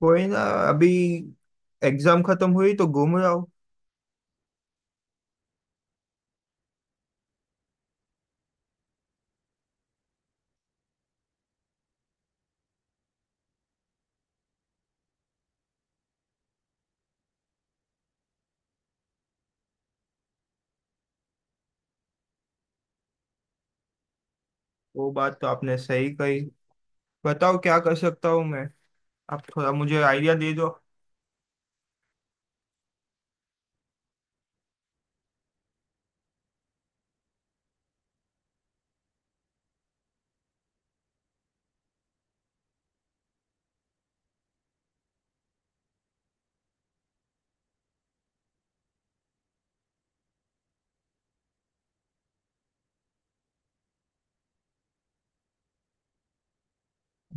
कोई ना। अभी एग्जाम खत्म हुई तो घूम रहा हूँ। वो बात तो आपने सही कही। बताओ क्या कर सकता हूँ मैं। आप थोड़ा मुझे आइडिया दे दो।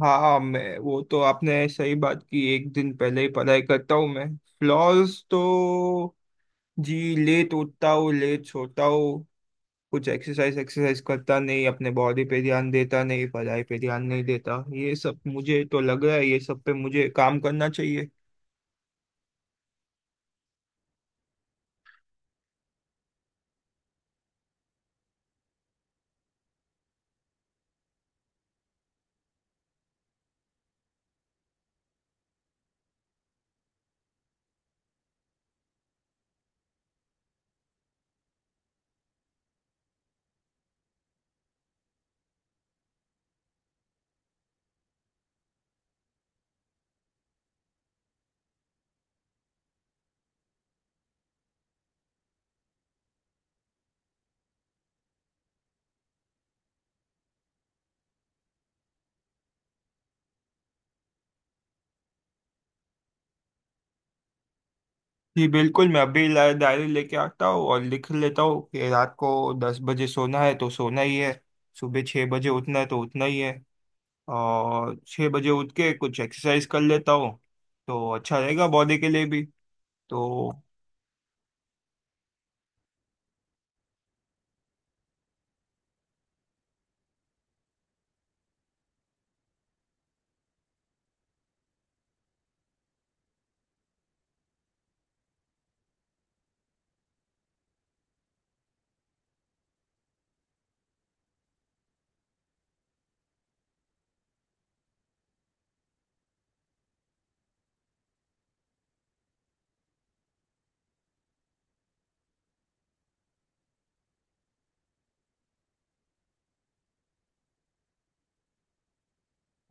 हाँ हाँ, मैं वो तो आपने सही बात की। एक दिन पहले ही पढ़ाई करता हूँ मैं। फ्लॉज तो जी, लेट उठता हूँ, लेट सोता हूँ। कुछ एक्सरसाइज एक्सरसाइज करता नहीं, अपने बॉडी पे ध्यान देता नहीं, पढ़ाई पे ध्यान नहीं देता। ये सब मुझे तो लग रहा है, ये सब पे मुझे काम करना चाहिए। जी बिल्कुल, मैं अभी डायरी लेके आता हूँ और लिख लेता हूँ कि रात को 10 बजे सोना है तो सोना ही है। सुबह 6 बजे उठना है तो उठना ही है। और 6 बजे उठ के कुछ एक्सरसाइज कर लेता हूँ तो अच्छा रहेगा बॉडी के लिए भी। तो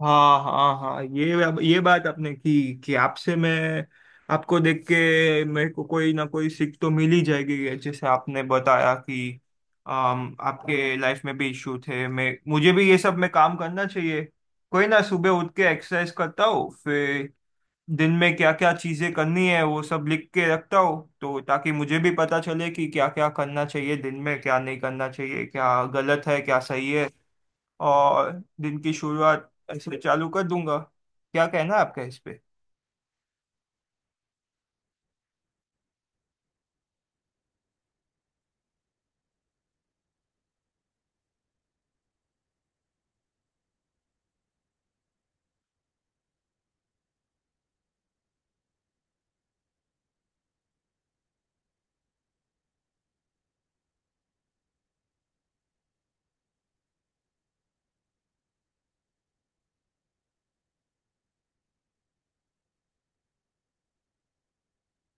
हाँ हाँ हाँ, ये बात आपने की कि आपसे मैं, आपको देख के मेरे को कोई ना कोई सीख तो मिल ही जाएगी। जैसे आपने बताया कि आपके लाइफ में भी इश्यू थे, मैं मुझे भी ये सब में काम करना चाहिए। कोई ना, सुबह उठ के एक्सरसाइज करता हूँ, फिर दिन में क्या क्या चीजें करनी है वो सब लिख के रखता हूँ। तो ताकि मुझे भी पता चले कि क्या क्या करना चाहिए दिन में, क्या नहीं करना चाहिए, क्या गलत है क्या सही है। और दिन की शुरुआत ऐसे चालू कर दूंगा। क्या कहना है आपका इस पे।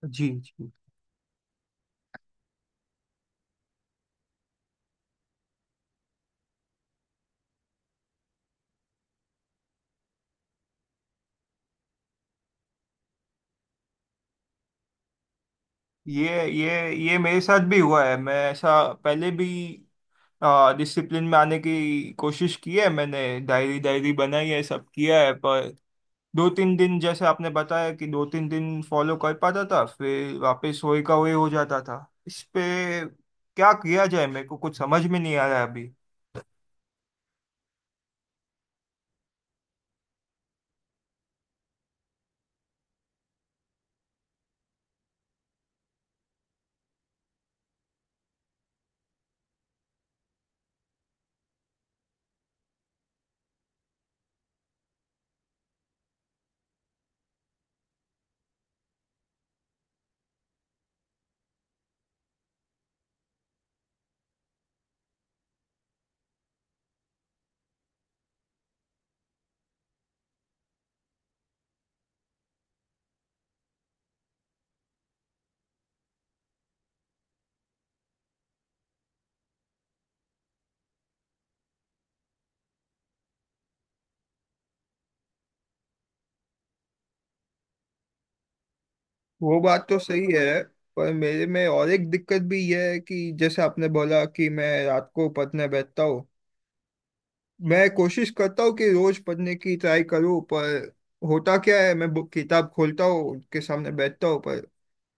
जी जी, ये मेरे साथ भी हुआ है। मैं ऐसा पहले भी डिसिप्लिन में आने की कोशिश की है मैंने। डायरी डायरी बनाई है, सब किया है, पर 2-3 दिन, जैसे आपने बताया कि 2-3 दिन फॉलो कर पाता था फिर वापस वही का वही हो जाता था। इस पे क्या किया जाए, मेरे को कुछ समझ में नहीं आ रहा है अभी। वो बात तो सही है, पर मेरे में और एक दिक्कत भी यह है कि जैसे आपने बोला कि मैं रात को पढ़ने बैठता हूँ। मैं कोशिश करता हूँ कि रोज पढ़ने की ट्राई करूँ, पर होता क्या है, मैं बुक किताब खोलता हूँ, उसके सामने बैठता हूँ पर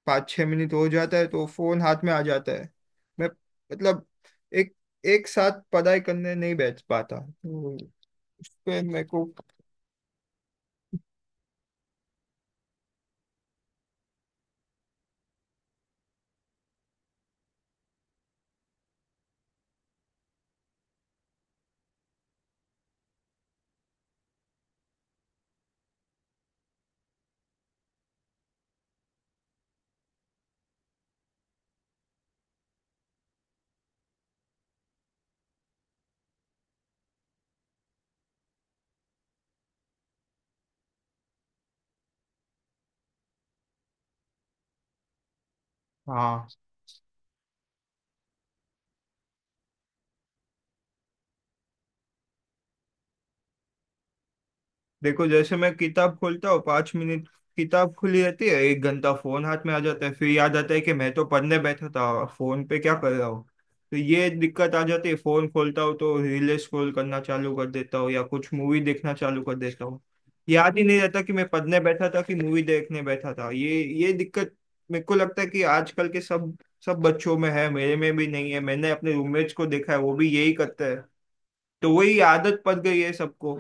5-6 मिनट हो जाता है तो फोन हाथ में आ जाता है। मैं मतलब एक एक साथ पढ़ाई करने नहीं बैठ पाता तो उस पे मेरे को। हाँ, देखो, जैसे मैं किताब खोलता हूँ, 5 मिनट किताब खुली रहती है, 1 घंटा फोन हाथ में आ जाता है। फिर याद आता है कि मैं तो पढ़ने बैठा था, फोन पे क्या कर रहा हूँ। तो ये दिक्कत आ जाती है। फोन खोलता हूँ तो रील स्क्रॉल करना चालू कर देता हूँ या कुछ मूवी देखना चालू कर देता हूँ। याद ही नहीं रहता कि मैं पढ़ने बैठा था कि मूवी देखने बैठा था। ये दिक्कत मेरे को लगता है कि आजकल के सब सब बच्चों में है, मेरे में भी नहीं है। मैंने अपने रूममेट्स को देखा है, वो भी यही करता है। तो वही आदत पड़ गई है सबको।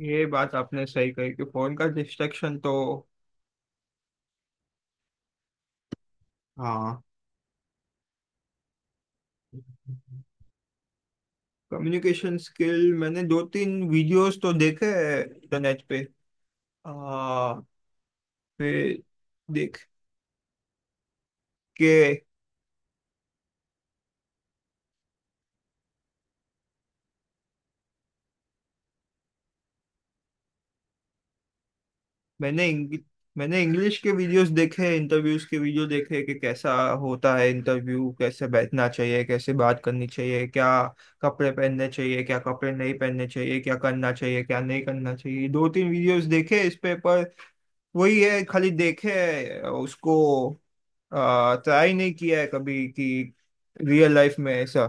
ये बात आपने सही कही कि फोन का डिस्ट्रैक्शन तो। हाँ। कम्युनिकेशन स्किल, मैंने 2-3 वीडियोस तो देखे हैं इंटरनेट पे। आ, फिर, देख के, मैंने इंग, मैंने इंग्लिश के वीडियोस देखे, इंटरव्यूज के वीडियो देखे कि कैसा होता है इंटरव्यू, कैसे बैठना चाहिए, कैसे बात करनी चाहिए, क्या कपड़े पहनने चाहिए, क्या कपड़े नहीं पहनने चाहिए, क्या करना चाहिए क्या नहीं करना चाहिए। 2-3 वीडियोस देखे इस पे, पर वही है, खाली देखे है, उसको ट्राई नहीं किया है कभी कि रियल लाइफ में ऐसा।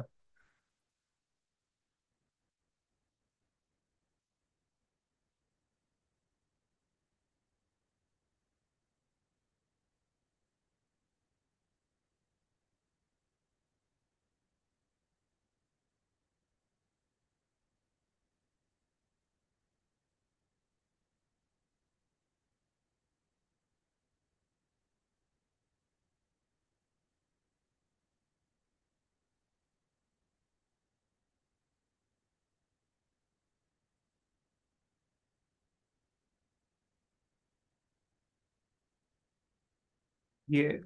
ये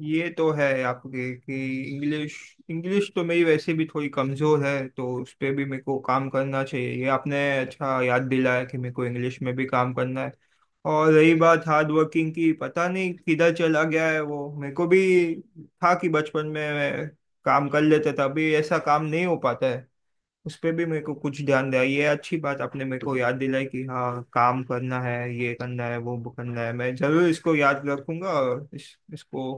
ये तो है आपके कि इंग्लिश इंग्लिश तो मेरी वैसे भी थोड़ी कमज़ोर है, तो उस पे भी मेरे को काम करना चाहिए। ये आपने अच्छा याद दिलाया कि मेरे को इंग्लिश में भी काम करना है। और रही बात हार्ड वर्किंग की, पता नहीं किधर चला गया है वो। मेरे को भी था कि बचपन में मैं काम कर लेते थे, अभी ऐसा काम नहीं हो पाता है। उस पे भी मेरे को कुछ ध्यान दिया। ये अच्छी बात आपने मेरे को याद दिलाई कि हाँ काम करना है, ये करना है, वो करना है। मैं जरूर इसको याद रखूंगा और इसको।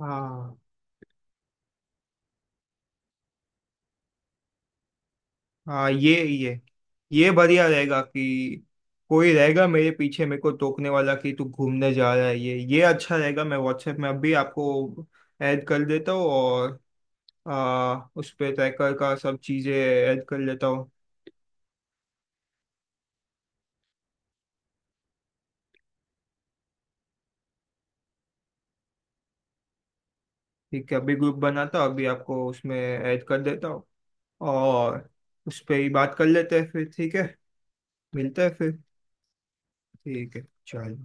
हाँ हाँ, ये बढ़िया रहेगा कि कोई रहेगा मेरे पीछे मेरे को टोकने वाला कि तू घूमने जा रहा है। ये अच्छा रहेगा। मैं व्हाट्सएप में अभी आपको ऐड कर देता हूँ और उस पे ट्रैकर का सब चीज़ें ऐड कर लेता हूँ। ठीक है, अभी ग्रुप बनाता हूँ, अभी आपको उसमें ऐड कर देता हूँ और उस पर ही बात कर लेते हैं फिर। ठीक है, मिलते हैं फिर। ठीक है, चलो।